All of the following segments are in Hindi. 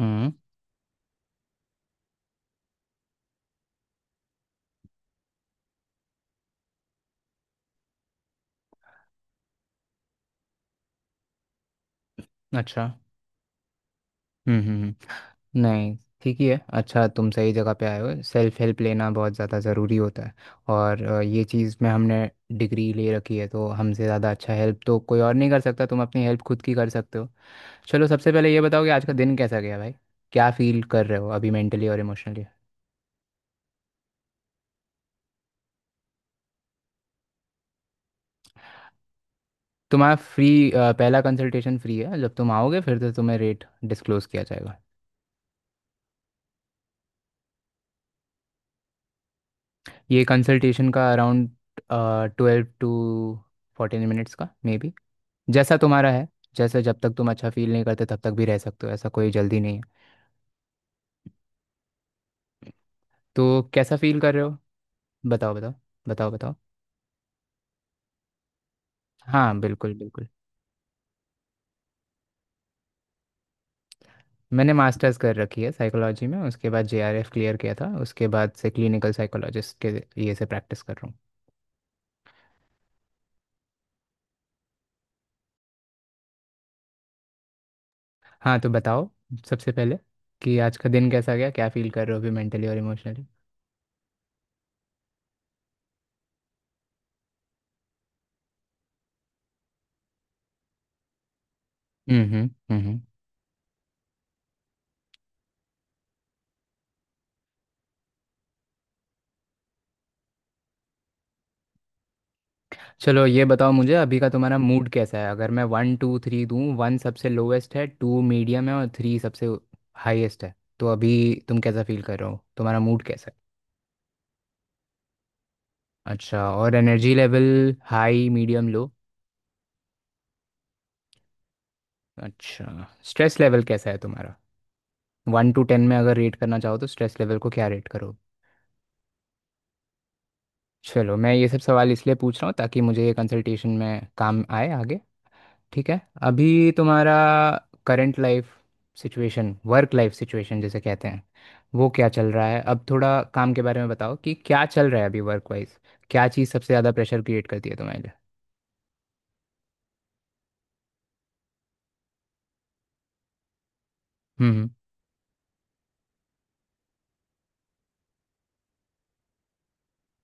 हम्म। अच्छा। हम्म हम्म हम्म। नहीं, ठीक ही है। अच्छा, तुम सही जगह पे आए हो। सेल्फ हेल्प लेना बहुत ज़्यादा ज़रूरी होता है और ये चीज़ में हमने डिग्री ले रखी है, तो हमसे ज़्यादा अच्छा हेल्प तो कोई और नहीं कर सकता। तुम अपनी हेल्प खुद की कर सकते हो। चलो, सबसे पहले ये बताओ कि आज का दिन कैसा गया भाई। क्या फील कर रहे हो अभी मेंटली और इमोशनली। तुम्हारा फ्री पहला कंसल्टेशन फ्री है। जब तुम आओगे फिर तो तुम्हें रेट डिस्क्लोज़ किया जाएगा। ये कंसल्टेशन का अराउंड 12 टू 14 मिनट्स का मे बी। जैसा तुम्हारा है, जैसे जब तक तुम अच्छा फील नहीं करते तब तक भी रह सकते हो, ऐसा कोई जल्दी नहीं है। तो कैसा फील कर रहे हो। बताओ बताओ। बताओ बताओ। हाँ, बिल्कुल बिल्कुल। मैंने मास्टर्स कर रखी है साइकोलॉजी में, उसके बाद जेआरएफ क्लियर किया था, उसके बाद से क्लिनिकल साइकोलॉजिस्ट के ये से प्रैक्टिस कर रहा हूँ। हाँ, तो बताओ, सबसे पहले कि आज का दिन कैसा गया, क्या फील कर रहे हो अभी मेंटली और इमोशनली। हम्म हम्म हम्म, हम्म। चलो ये बताओ मुझे, अभी का तुम्हारा मूड कैसा है। अगर मैं वन टू थ्री दूँ, वन सबसे लोवेस्ट है, टू मीडियम है और थ्री सबसे हाईएस्ट है, तो अभी तुम कैसा फील कर रहे हो, तुम्हारा मूड कैसा है। अच्छा। और energy level high medium low. अच्छा। स्ट्रेस लेवल कैसा है तुम्हारा, 1 टू 10 में अगर रेट करना चाहो तो स्ट्रेस लेवल को क्या रेट करो। चलो, मैं ये सब सवाल इसलिए पूछ रहा हूँ ताकि मुझे ये कंसल्टेशन में काम आए आगे। ठीक है। अभी तुम्हारा current life situation, work life situation जिसे कहते हैं, वो क्या चल रहा है। अब थोड़ा काम के बारे में बताओ कि क्या चल रहा है अभी वर्क वाइज। क्या चीज़ सबसे ज़्यादा प्रेशर क्रिएट करती है तुम्हारे लिए। हम्म।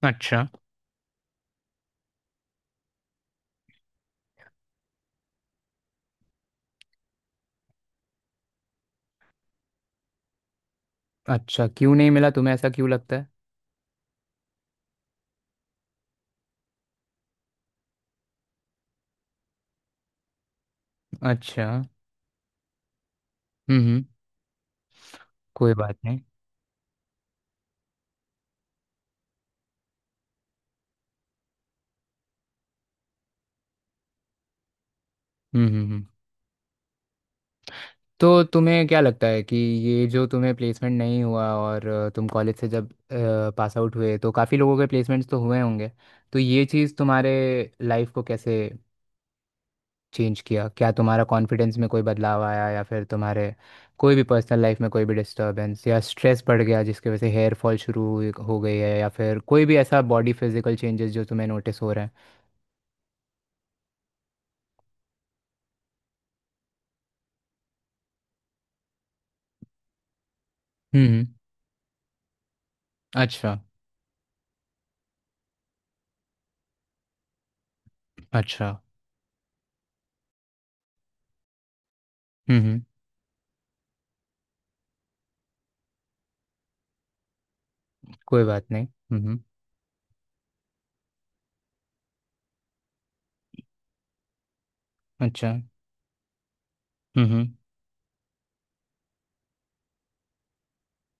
अच्छा। अच्छा, क्यों नहीं मिला, तुम्हें ऐसा क्यों लगता है। अच्छा। हम्म। कोई बात नहीं। हम्म। तो तुम्हें क्या लगता है कि ये जो तुम्हें प्लेसमेंट नहीं हुआ और तुम कॉलेज से जब पास आउट हुए तो काफ़ी लोगों के प्लेसमेंट्स तो हुए होंगे, तो ये चीज़ तुम्हारे लाइफ को कैसे चेंज किया। क्या तुम्हारा कॉन्फिडेंस में कोई बदलाव आया, या फिर तुम्हारे कोई भी पर्सनल लाइफ में कोई भी डिस्टर्बेंस या स्ट्रेस बढ़ गया जिसकी वजह से हेयर फॉल हो गई है, या फिर कोई भी ऐसा बॉडी फिजिकल चेंजेस जो तुम्हें नोटिस हो रहे हैं। हम्म हम्म, अच्छा। अच्छा। हम्म हम्म, कोई बात नहीं। अच्छा। हम्म हम्म,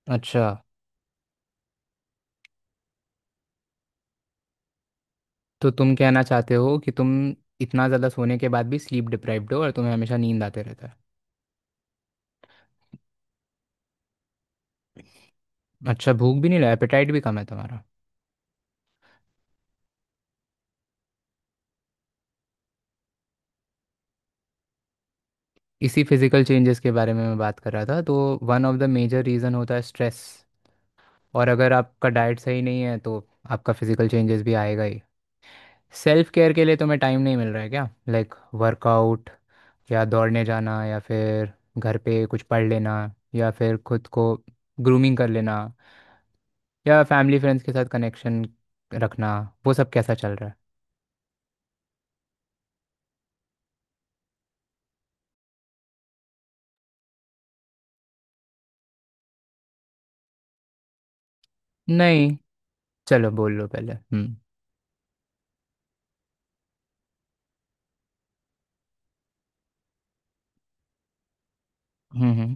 अच्छा। तो तुम कहना चाहते हो कि तुम इतना ज़्यादा सोने के बाद भी स्लीप डिप्राइव्ड हो और तुम्हें हमेशा नींद आते रहता है। अच्छा, भूख भी नहीं लगा, एपेटाइट भी कम है तुम्हारा। इसी फिजिकल चेंजेस के बारे में मैं बात कर रहा था। तो one of the major reason होता है स्ट्रेस, और अगर आपका डाइट सही नहीं है तो आपका फिजिकल चेंजेस भी आएगा ही। सेल्फ केयर के लिए तुम्हें टाइम नहीं मिल रहा है क्या, लाइक वर्कआउट या दौड़ने जाना या फिर घर पे कुछ पढ़ लेना या फिर खुद को ग्रूमिंग कर लेना या फैमिली फ्रेंड्स के साथ कनेक्शन रखना, वो सब कैसा चल रहा है नहीं। चलो बोल लो पहले। हम्म हम्म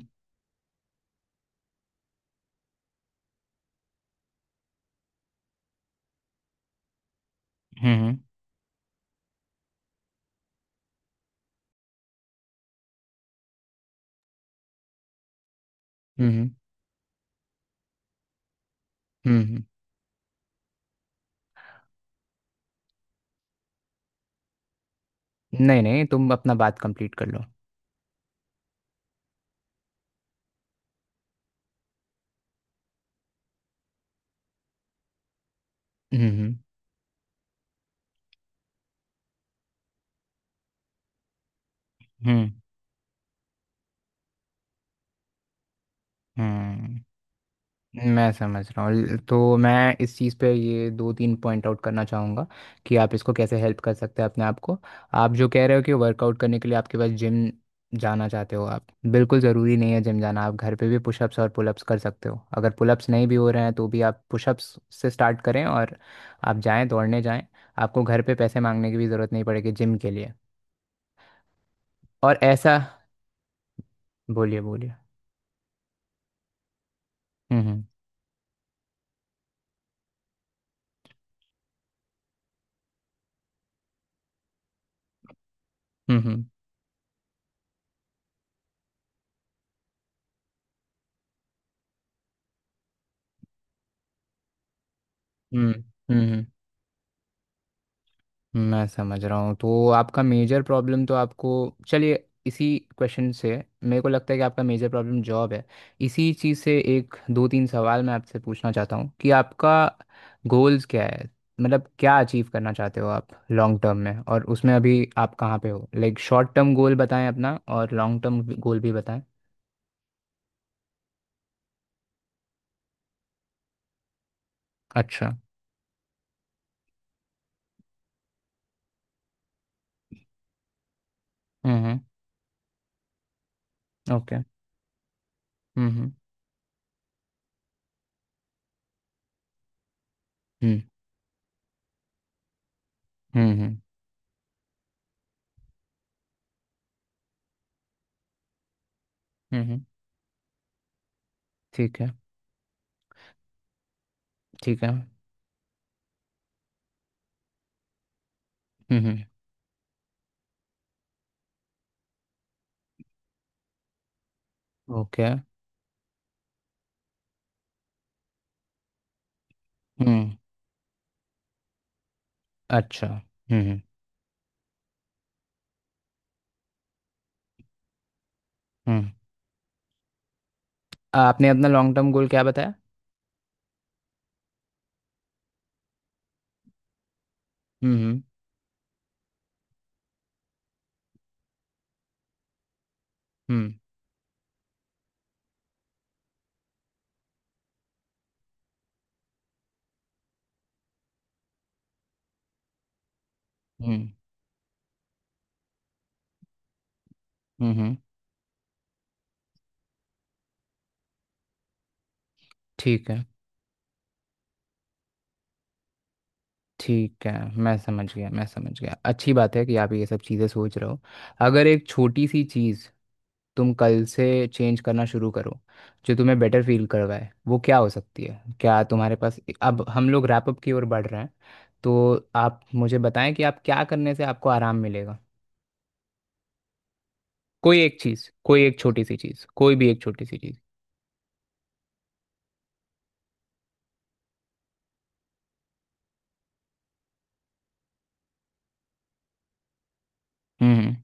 हम्म हम्म हम्म। नहीं नहीं, तुम अपना बात कंप्लीट कर लो। हम्म हम्म हम्म हम्म। मैं समझ रहा हूँ। तो मैं इस चीज़ पे ये दो तीन पॉइंट आउट करना चाहूँगा कि आप इसको कैसे हेल्प कर सकते हैं अपने आप को। आप जो कह रहे हो कि वर्कआउट करने के लिए आपके पास जिम जाना चाहते हो आप, बिल्कुल ज़रूरी नहीं है जिम जाना। आप घर पे भी पुशअप्स और पुलअप्स कर सकते हो। अगर पुलअप्स नहीं भी हो रहे हैं तो भी आप पुशअप्स से स्टार्ट करें और आप जाएं, दौड़ने जाएं। आपको घर पे पैसे मांगने की भी ज़रूरत नहीं पड़ेगी जिम के लिए। और ऐसा बोलिए बोलिए। हम्म हम्म हम्म हम्म हम्म। मैं समझ रहा हूँ। तो आपका मेजर प्रॉब्लम तो आपको, चलिए इसी क्वेश्चन से। मेरे को लगता है कि आपका मेजर प्रॉब्लम जॉब है। इसी चीज़ से एक दो तीन सवाल मैं आपसे पूछना चाहता हूँ कि आपका गोल्स क्या है, मतलब क्या अचीव करना चाहते हो आप लॉन्ग टर्म में, और उसमें अभी आप कहाँ पे हो। लाइक शॉर्ट टर्म गोल बताएं अपना और लॉन्ग टर्म गोल भी बताएं। अच्छा। हम्म। ओके। हम्म। हम्म हम्म। हम्म, हम्म, ठीक है। ठीक है। हम्म। ओके। हम्म। अच्छा। हम्म। आपने अपना लॉन्ग टर्म गोल क्या बताया। हम्म हम्म हम्म हम्म हम्म, ठीक है। ठीक है। मैं समझ गया, मैं समझ गया। अच्छी बात है कि आप ये सब चीज़ें सोच रहे हो। अगर एक छोटी सी चीज़ तुम कल से चेंज करना शुरू करो जो तुम्हें बेटर फील करवाए, वो क्या हो सकती है, क्या तुम्हारे पास। अब हम लोग रैप अप की ओर बढ़ रहे हैं, तो आप मुझे बताएं कि आप क्या करने से आपको आराम मिलेगा। कोई एक चीज़, कोई एक छोटी सी चीज़, कोई भी एक छोटी सी चीज़। हम्म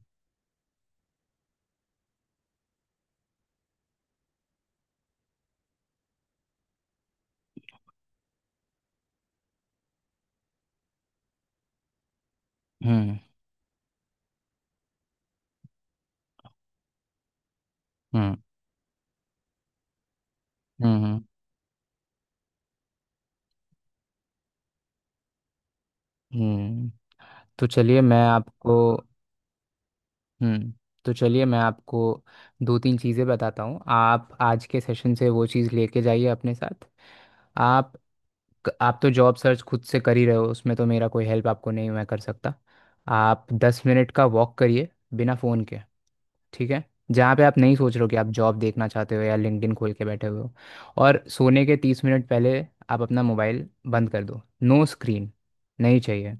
हम्म हम्म हम्म हम्म। तो चलिए मैं आपको, हम्म, तो चलिए मैं आपको दो तीन चीज़ें बताता हूँ। आप आज के सेशन से वो चीज़ लेके जाइए अपने साथ। आप आप तो जॉब सर्च खुद से कर ही रहे हो, उसमें तो मेरा कोई हेल्प आपको नहीं मैं कर सकता। आप 10 मिनट का वॉक करिए बिना फ़ोन के। ठीक है। जहाँ पे आप नहीं सोच रहे हो कि आप जॉब देखना चाहते हो या लिंक्डइन खोल के बैठे हुए हो। और सोने के 30 मिनट पहले आप अपना मोबाइल बंद कर दो, नो स्क्रीन नहीं चाहिए।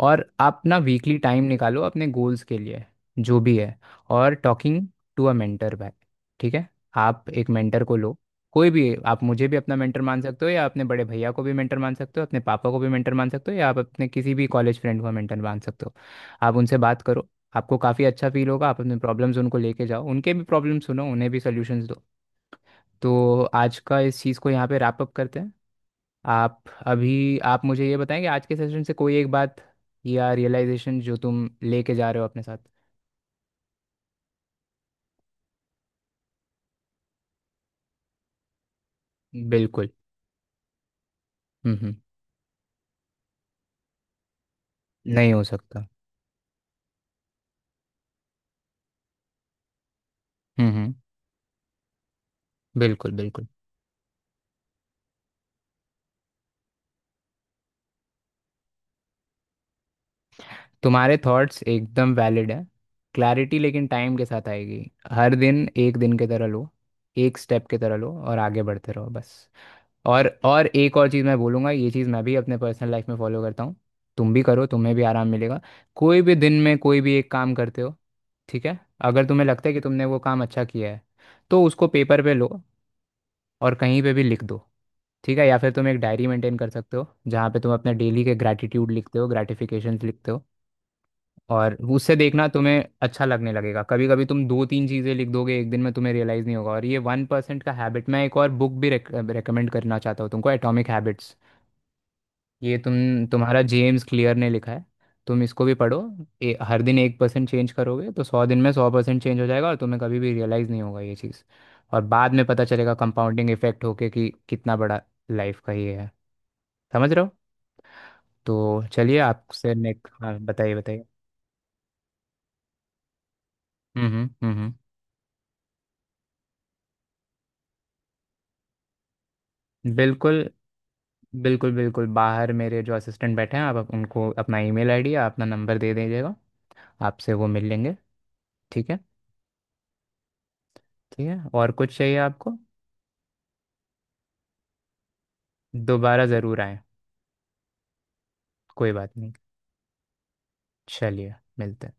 और आप ना वीकली टाइम निकालो अपने गोल्स के लिए, जो भी है। और talking to a mentor by, ठीक है, आप एक मेंटर को लो। कोई भी, आप मुझे भी अपना मेंटर मान सकते हो, या अपने बड़े भैया को भी मेंटर मान सकते हो, अपने पापा को भी मेंटर मान सकते हो, या आप अपने किसी भी कॉलेज फ्रेंड को मेंटर मान सकते हो। आप उनसे बात करो, आपको काफ़ी अच्छा फील होगा। आप अपने प्रॉब्लम्स उनको लेके जाओ, उनके भी प्रॉब्लम सुनो, उन्हें भी सोल्यूशंस दो। तो आज का इस चीज़ को यहाँ पे रैप अप करते हैं। आप अभी आप मुझे ये बताएं कि आज के सेशन से कोई एक बात या रियलाइजेशन जो तुम लेके जा रहे हो अपने साथ। बिल्कुल। हम्म। नहीं हो सकता। हम्म। बिल्कुल बिल्कुल। तुम्हारे थॉट्स एकदम वैलिड हैं। क्लैरिटी लेकिन टाइम के साथ आएगी। हर दिन एक दिन की तरह लो, एक स्टेप की तरह लो और आगे बढ़ते रहो बस। और एक और चीज़ मैं बोलूँगा, ये चीज़ मैं भी अपने पर्सनल लाइफ में फॉलो करता हूँ, तुम भी करो, तुम्हें भी आराम मिलेगा। कोई भी दिन में कोई भी एक काम करते हो, ठीक है, अगर तुम्हें लगता है कि तुमने वो काम अच्छा किया है, तो उसको पेपर पे लो और कहीं पे भी लिख दो। ठीक है। या फिर तुम एक डायरी मेंटेन कर सकते हो जहाँ पे तुम अपने डेली के ग्रैटिट्यूड लिखते हो, ग्रैटिफिकेशंस लिखते हो। और उससे देखना तुम्हें अच्छा लगने लगेगा। कभी कभी तुम दो तीन चीज़ें लिख दोगे एक दिन में, तुम्हें रियलाइज़ नहीं होगा। और ये 1% का हैबिट, मैं एक और बुक भी रेकमेंड करना चाहता हूँ तुमको, एटॉमिक हैबिट्स, ये तुम्हारा जेम्स क्लियर ने लिखा है, तुम इसको भी पढ़ो। हर दिन 1% चेंज करोगे तो 100 दिन में 100% चेंज हो जाएगा और तुम्हें कभी भी रियलाइज़ नहीं होगा ये चीज़। और बाद में पता चलेगा कंपाउंडिंग इफेक्ट होके कि कितना बड़ा लाइफ का ये है, समझ रहे हो। तो चलिए आपसे नेक्स्ट, हाँ बताइए बताइए। हम्म हम्म हम्म, बिल्कुल। बिल्कुल बिल्कुल। बाहर मेरे जो असिस्टेंट बैठे हैं, आप उनको अपना ईमेल आईडी या अपना नंबर दे दीजिएगा, आपसे वो मिल लेंगे। ठीक है। ठीक है, और कुछ चाहिए आपको। दोबारा ज़रूर आए। कोई बात नहीं। चलिए मिलते हैं।